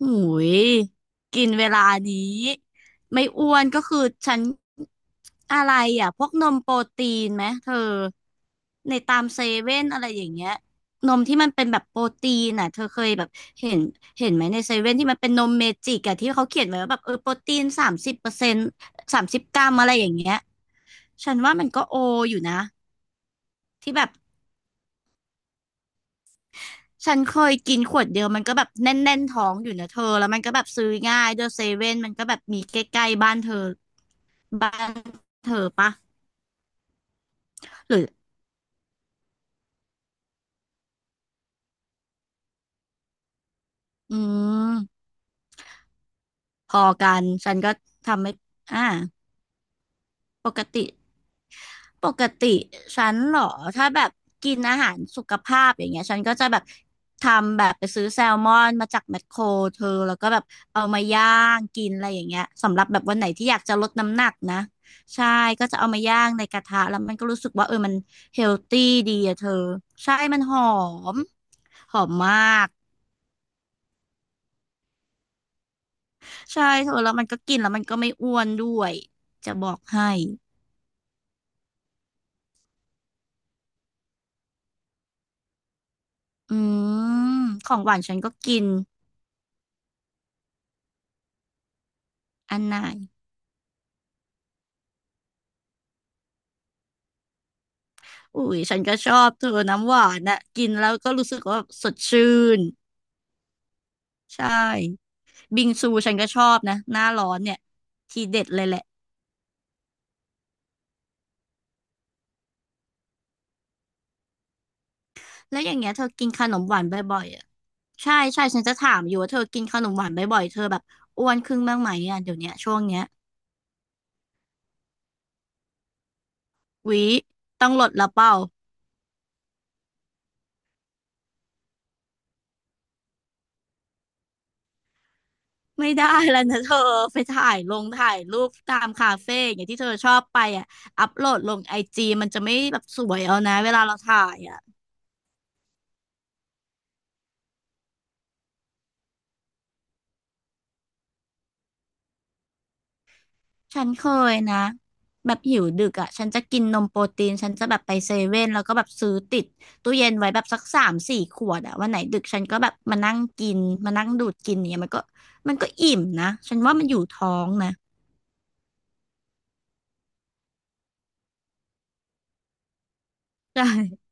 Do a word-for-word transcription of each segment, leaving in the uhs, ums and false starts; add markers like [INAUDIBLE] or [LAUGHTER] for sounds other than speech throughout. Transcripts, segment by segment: หุยกินเวลานี้ไม่อ้วนก็คือฉันอะไรอ่ะพวกนมโปรตีนไหมเธอในตามเซเว่นอะไรอย่างเงี้ยนมที่มันเป็นแบบโปรตีนอ่ะเธอเคยแบบเห็นเห็นไหมในเซเว่นที่มันเป็นนมเมจิกอ่ะที่เขาเขียนไว้ว่าแบบเออโปรตีนสามสิบเปอร์เซ็นต์สามสิบกรัมอะไรอย่างเงี้ยฉันว่ามันก็โออยู่นะที่แบบ ฉันเคยกินขวดเดียวมันก็แบบแน่นๆท้องอยู่นะเธอแล้วมันก็แบบซื้อง่ายเดอะเซเว่นมันก็แบบมีใกล้ๆบ้านเธอบ้านเธอปะหรืออืมพอกันฉันก็ทำไม่อ่าปกติ ปกติฉันเหรอถ้าแบบกินอาหารสุขภาพอย่างเงี้ยฉันก็จะแบบทำแบบไปซื้อแซลมอนมาจากแมคโครเธอแล้วก็แบบเอามาย่างกินอะไรอย่างเงี้ยสำหรับแบบวันไหนที่อยากจะลดน้ำหนักนะใช่ก็จะเอามาย่างในกระทะแล้วมันก็รู้สึกว่าเออมันเฮลตี้ดีอะเธอใช่มันหอมหอมมากใช่เธอแล้วมันก็กินแล้วมันก็ไม่อ้วนด้วยจะบอกให้อืมของหวานฉันก็กินอันไหน อุ้ยฉันก็ชอบเธอน้ำหวานน่ะกินแล้วก็รู้สึกว่าสดชื่นใช่บิงซูฉันก็ชอบนะหน้าร้อนเนี่ยทีเด็ดเลยแหละแล้วอย่างเงี้ยเธอกินขนมหวานบ่อยๆอ่ะใช่ใช่ฉันจะถามอยู่ว่าเธอกินขนมหวานบ่อยๆเธอแบบอ้วนขึ้นบ้างไหมอ่ะเดี๋ยวเนี้ยช่วงเนี้ยหวิต้องลดละเปล่าไม่ได้แล้วนะเธอ [LAUGHS] ไปถ่ายลงถ่ายรูปตามคาเฟ่อย่างเงี้ยที่เธอชอบไปอ่ะอัพโหลดลงไอจีมันจะไม่แบบสวยเอานะเวลาเราถ่ายอ่ะ ฉันเคยนะแบบหิวดึกอ่ะฉันจะกินนมโปรตีนฉันจะแบบไปเซเว่นแล้วก็แบบซื้อติดตู้เย็นไว้แบบสักสามสี่ขวดอ่ะวันไหนดึกฉันก็แบบมานั่งกินมานั่งดูดกินเนี่ยมันก็มันก็อิ่มนะฉันว่ามันอยู่ท้องนะใช่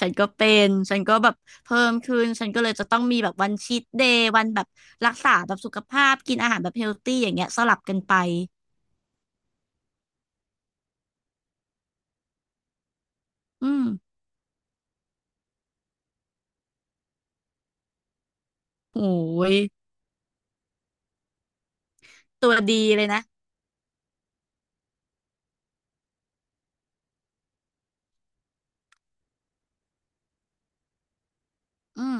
ฉันก็เป็นฉันก็แบบเพิ่มขึ้นฉันก็เลยจะต้องมีแบบวันชีทเดย์วันแบบรักษาแบบสุขภาพกินอาหารแบบเฮลตี้อย่างเงี้ยสลับกันไปอืมโอ้ยตัวดีเลยนะอืม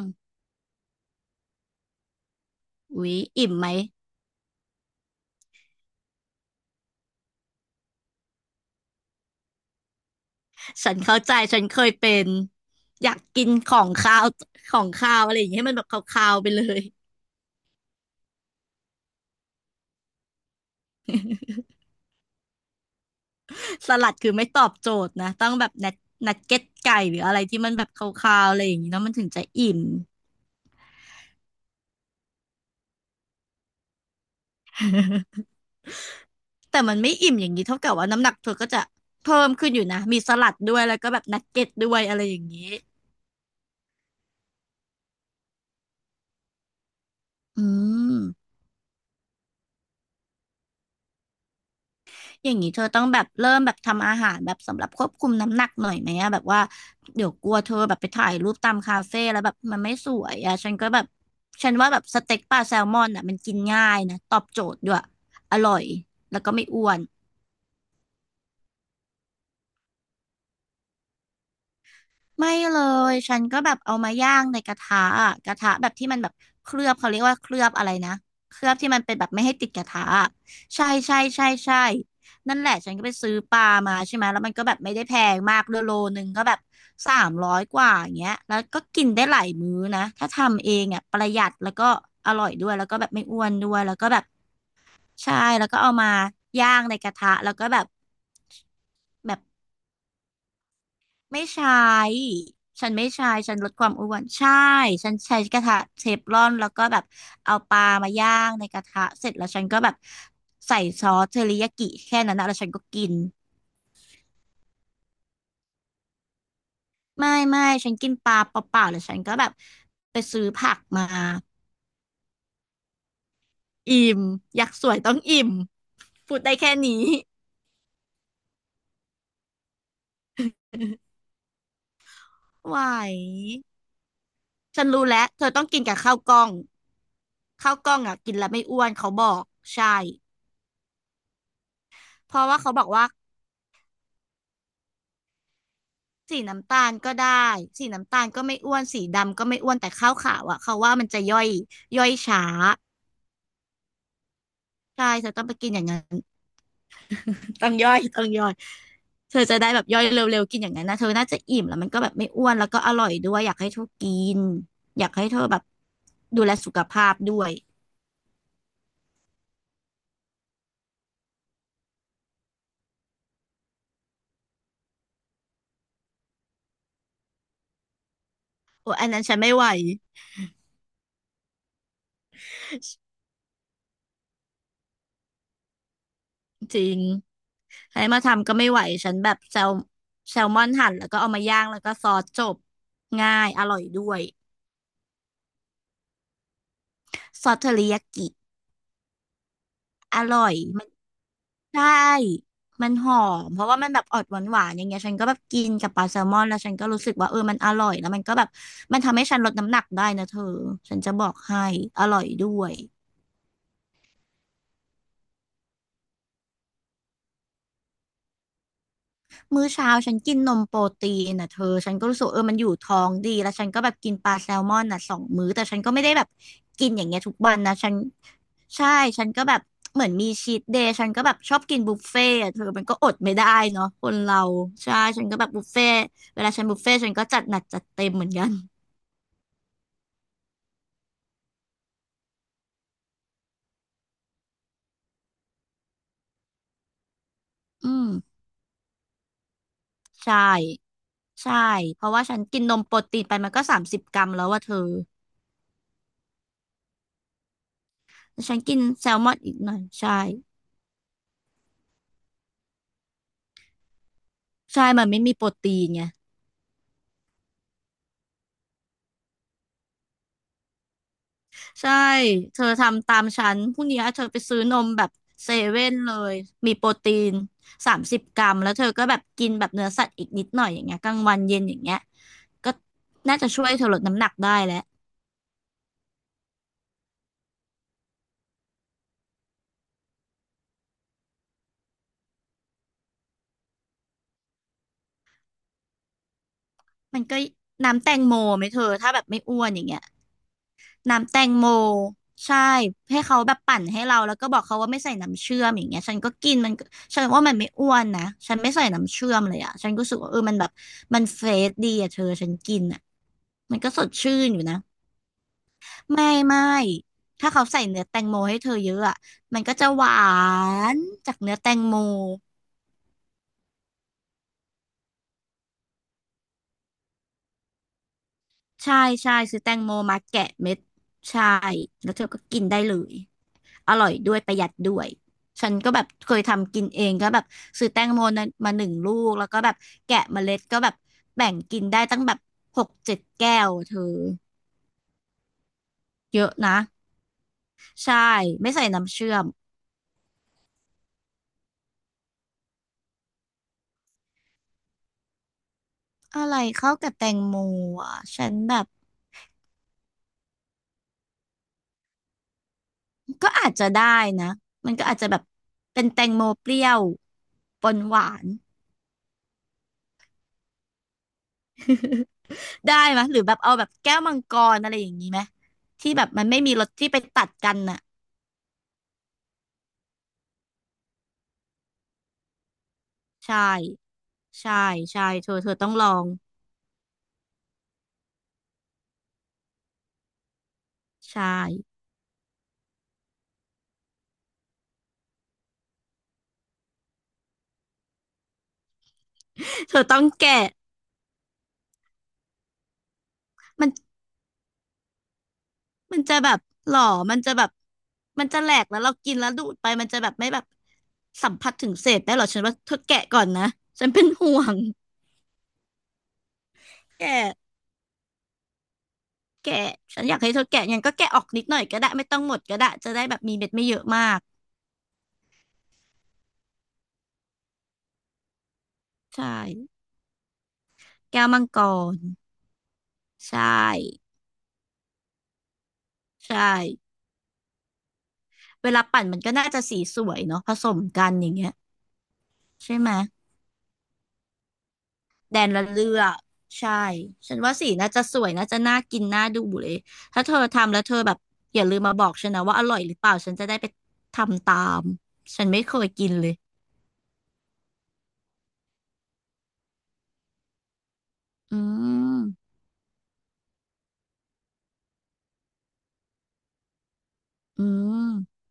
อุ๊ยอิ่มไหม ฉันเข้าใจฉันเคยเป็นอยากกินของคาวของคาวอะไรอย่างเงี้ยให้มันแบบคาวๆไปเลย [LAUGHS] สลัดคือไม่ตอบโจทย์นะต้องแบบนัดนัดเก็ตไก่หรืออะไรที่มันแบบคาวๆอะไรอย่างงี้เนาะมันถึงจะอิ่ม [LAUGHS] แต่มันไม่อิ่มอย่างนี้เท่ากับว่าน้ำหนักเธอก็จะเพิ่มขึ้นอยู่นะมีสลัดด้วยแล้วก็แบบนักเก็ตด้วยอะไรอย่างนี้อืม อย่างนี้เธอต้องแบบเริ่มแบบทำอาหารแบบสำหรับควบคุมน้ำหนักหน่อยไหมอะแบบว่าเดี๋ยวกลัวเธอแบบไปถ่ายรูปตามคาเฟ่แล้วแบบมันไม่สวยอะฉันก็แบบฉันว่าแบบสเต็กปลาแซลมอนอะมันกินง่ายนะตอบโจทย์ด้วยอร่อยแล้วก็ไม่อ้วน ไม่เลยฉันก็แบบเอามาย่างในกระทะอะกระทะแบบที่มันแบบเคลือบเขาเรียกว่าเคลือบอะไรนะเคลือบที่มันเป็นแบบไม่ให้ติดกระทะอะใช่ใช่ใช่ใช่นั่นแหละฉันก็ไปซื้อปลามาใช่ไหมแล้วมันก็แบบไม่ได้แพงมากด้วยโลนึงก็แบบสามร้อยกว่าอย่างเงี้ยแล้วก็กินได้หลายมื้อนะถ้าทำเองอ่ะประหยัดแล้วก็อร่อยด้วยแล้วก็แบบไม่อ้วนด้วยแล้วก็แบบใช่แล้วก็เอามาย่างในกระทะแล้วก็แบบแบบ ไม่ใช้ฉันไม่ใช้ฉันลดความอ้วนใช่ ฉันใช้กระทะเทฟลอนแล้วก็แบบเอาปลามาย่างในกระทะเสร็จแล้วฉันก็แบบใส่ซอสเทอริยากิแค่นั้นนะแล้วฉันก็กินไม่ไม่ฉันกินปลาเปล่าๆหรือฉันก็แบบไปซื้อผักมาอิ่มอยากสวยต้องอิ่มพูดได้แค่นี้ไหวฉันรู้แล้วเธอต้องกินกับข้าวกล้องข้าวกล้องอ่ะกินแล้วไม่อ้วนเขาบอกใช่เพราะว่าเขาบอกว่า สีน้ำตาลก็ได้สีน้ำตาลก็ไม่อ้วนสีดำก็ไม่อ้วนแต่ข้าวขาวอ่ะเขาว่ามันจะย่อยย่อยช้าใช่เธอต้องไปกินอย่างนั้น [LAUGHS] ต้องย่อยต้องย่อยเธอจะได้แบบย่อยเร็วๆกินอย่างนั้นนะเธอน่าจะอิ่มแล้วมันก็แบบไม่อ้วนแล้วก็อร่อยด้วยอยากให้เธอกินอยากให้เธอแบบดูแลสุขภาพด้วยโอ้ยอันนั้นฉันไม่ไหวจริงให้มาทำก็ไม่ไหวฉันแบบแซลแซลมอนหั่นแล้วก็เอามาย่างแล้วก็ซอสจบง่ายอร่อยด้วยซอสเทอริยากิ อร่อยมันใช่มันหอมเพราะว่ามันแบบออกหวานหวานอย่างเงี้ยฉันก็แบบกินกับปลาแซลมอนแล้วฉันก็รู้สึกว่าเออมันอร่อยแล้วมันก็แบบมันทำให้ฉันลดน้ำหนักได้นะเธอฉันจะบอกให้อร่อยด้วยมื้อเช้าฉันกินนมโปรตีนนะเธอฉันก็รู้สึกเออมันอยู่ท้องดีแล้วฉันก็แบบกินปลาแซลมอนน่ะสองมื้อแต่ฉันก็ไม่ได้แบบกินอย่างเงี้ยทุกวันนะฉัน ใช่ฉันก็แบบเหมือนมีชีทเดย์ฉันก็แบบชอบกินบุฟเฟ่ต์อะเธอมันก็อดไม่ได้เนาะคนเราใช่ฉันก็แบบบุฟเฟ่ต์เวลาฉันบุฟเฟ่ต์ฉันก็จัดหนักจัดเต็มเหมือนกันอืมใช่ใช่เพราะว่าฉันกินนมโปรตีนไปมันก็สามสิบกรัมแล้วว่าเธอแล้วฉันกินแซลมอนอีกหน่อยใช่ใช่มันไม่มีโปรตีนไง ใช่ เธอทำตามฉันพรุ่งนี้เธอไปซื้อนมแบบเซเว่นเลย มีโปรตีนสามสิบกรัมแล้วเธอก็แบบกินแบบเนื้อสัตว์อีกนิดหน่อยอย่างเงี้ยกลางวันเย็นอย่างเงี้ยก็น่าจะช่วยเธอลดน้ำหนักได้แล้วมันก็น้ำแตงโมไหมเธอถ้าแบบไม่อ้วนอย่างเงี้ย น้ำแตงโมใช่ให้เขาแบบปั่นให้เราแล้วก็บอกเขาว่าไม่ใส่น้ำเชื่อมอย่างเงี้ยฉันก็กินมันก็ฉันว่ามันไม่อ้วนนะฉันไม่ใส่น้ำเชื่อมเลยอ่ะฉันก็รู้สึกว่าเออมันแบบมันเฟรชดีอ่ะเธอฉันกินอ่ะมันก็สดชื่นอยู่นะไม่ไม่ถ้าเขาใส่เนื้อแตงโมให้เธอเยอะอ่ะมันก็จะหวานจากเนื้อแตงโมใช่ใช่ซื้อแตงโมมาแกะเม็ดใช่แล้วเธอก็กินได้เลย อร่อยด้วยประหยัดด้วยฉันก็แบบเคยทำกินเองก็แบบซื้อแตงโมนะมาหนึ่งลูกแล้วก็แบบแกะเมล็ดก็แบบแบ่งกินได้ตั้งแบบหกเจ็ดแก้วเธอเยอะนะใช่ไม่ใส่น้ำเชื่อมอะไรเข้ากับแตงโมอ่ะฉันแบบก็อาจจะได้นะมันก็อาจจะแบบเป็นแตงโมเปรี้ยวปนหวาน [LAUGHS] ได้ไหมยหรือแบบเอาแบบแก้วมังกรอะไรอย่างนี้ไหมที่แบบมันไม่มีรสที่ไปตัดกันน่ะใช่ ใช่ใช่เธอเธอต้องลองใช่ [LAUGHS] เธอต้องแกะมันมันจะแบบหล่อมันจะแบบมันจะแหลกแล้วเรากินแล้วดูดไปมันจะแบบไม่แบบสัมผัสถึงเศษได้หรอฉันว่าเธอแกะก่อนนะฉันเป็นห่วงแกะแกะฉันอยากให้เธอแกะยังก็แกะออกนิดหน่อยก็ได้ไม่ต้องหมดก็ได้จะได้แบบมีเม็ดไม่เยอะมากใช่แก้วมังกรใช่ใช่เวลาปั่นมันก็น่าจะสีสวยเนาะผสมกันอย่างเงี้ยใช่ไหม แดนละเลือกใช่ฉันว่าสีน่าจะสวยน่าจะน่ากินน่าดูเลยถ้าเธอทำแล้วเธอแบบอย่าลืมมาบอกฉันนะว่าอร่อยหรือเปล่าฉันจะได้ไปทำตามฉันไม่เคยกินเลยอืมอืม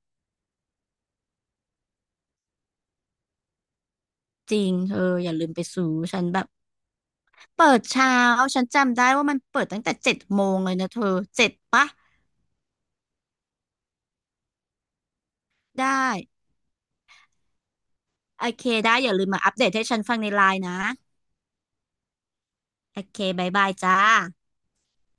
จริงเธออย่าลืมไปซื้อฉันแบบเปิดเช้าฉันจำได้ว่ามันเปิดตั้งแต่เจ็ดโมงเลยนะเธอเจ็ดปะได้โอเคได้อย่าลืมมาอัปเดตให้ฉันฟังในไลน์นะโอเคบายบายจ้า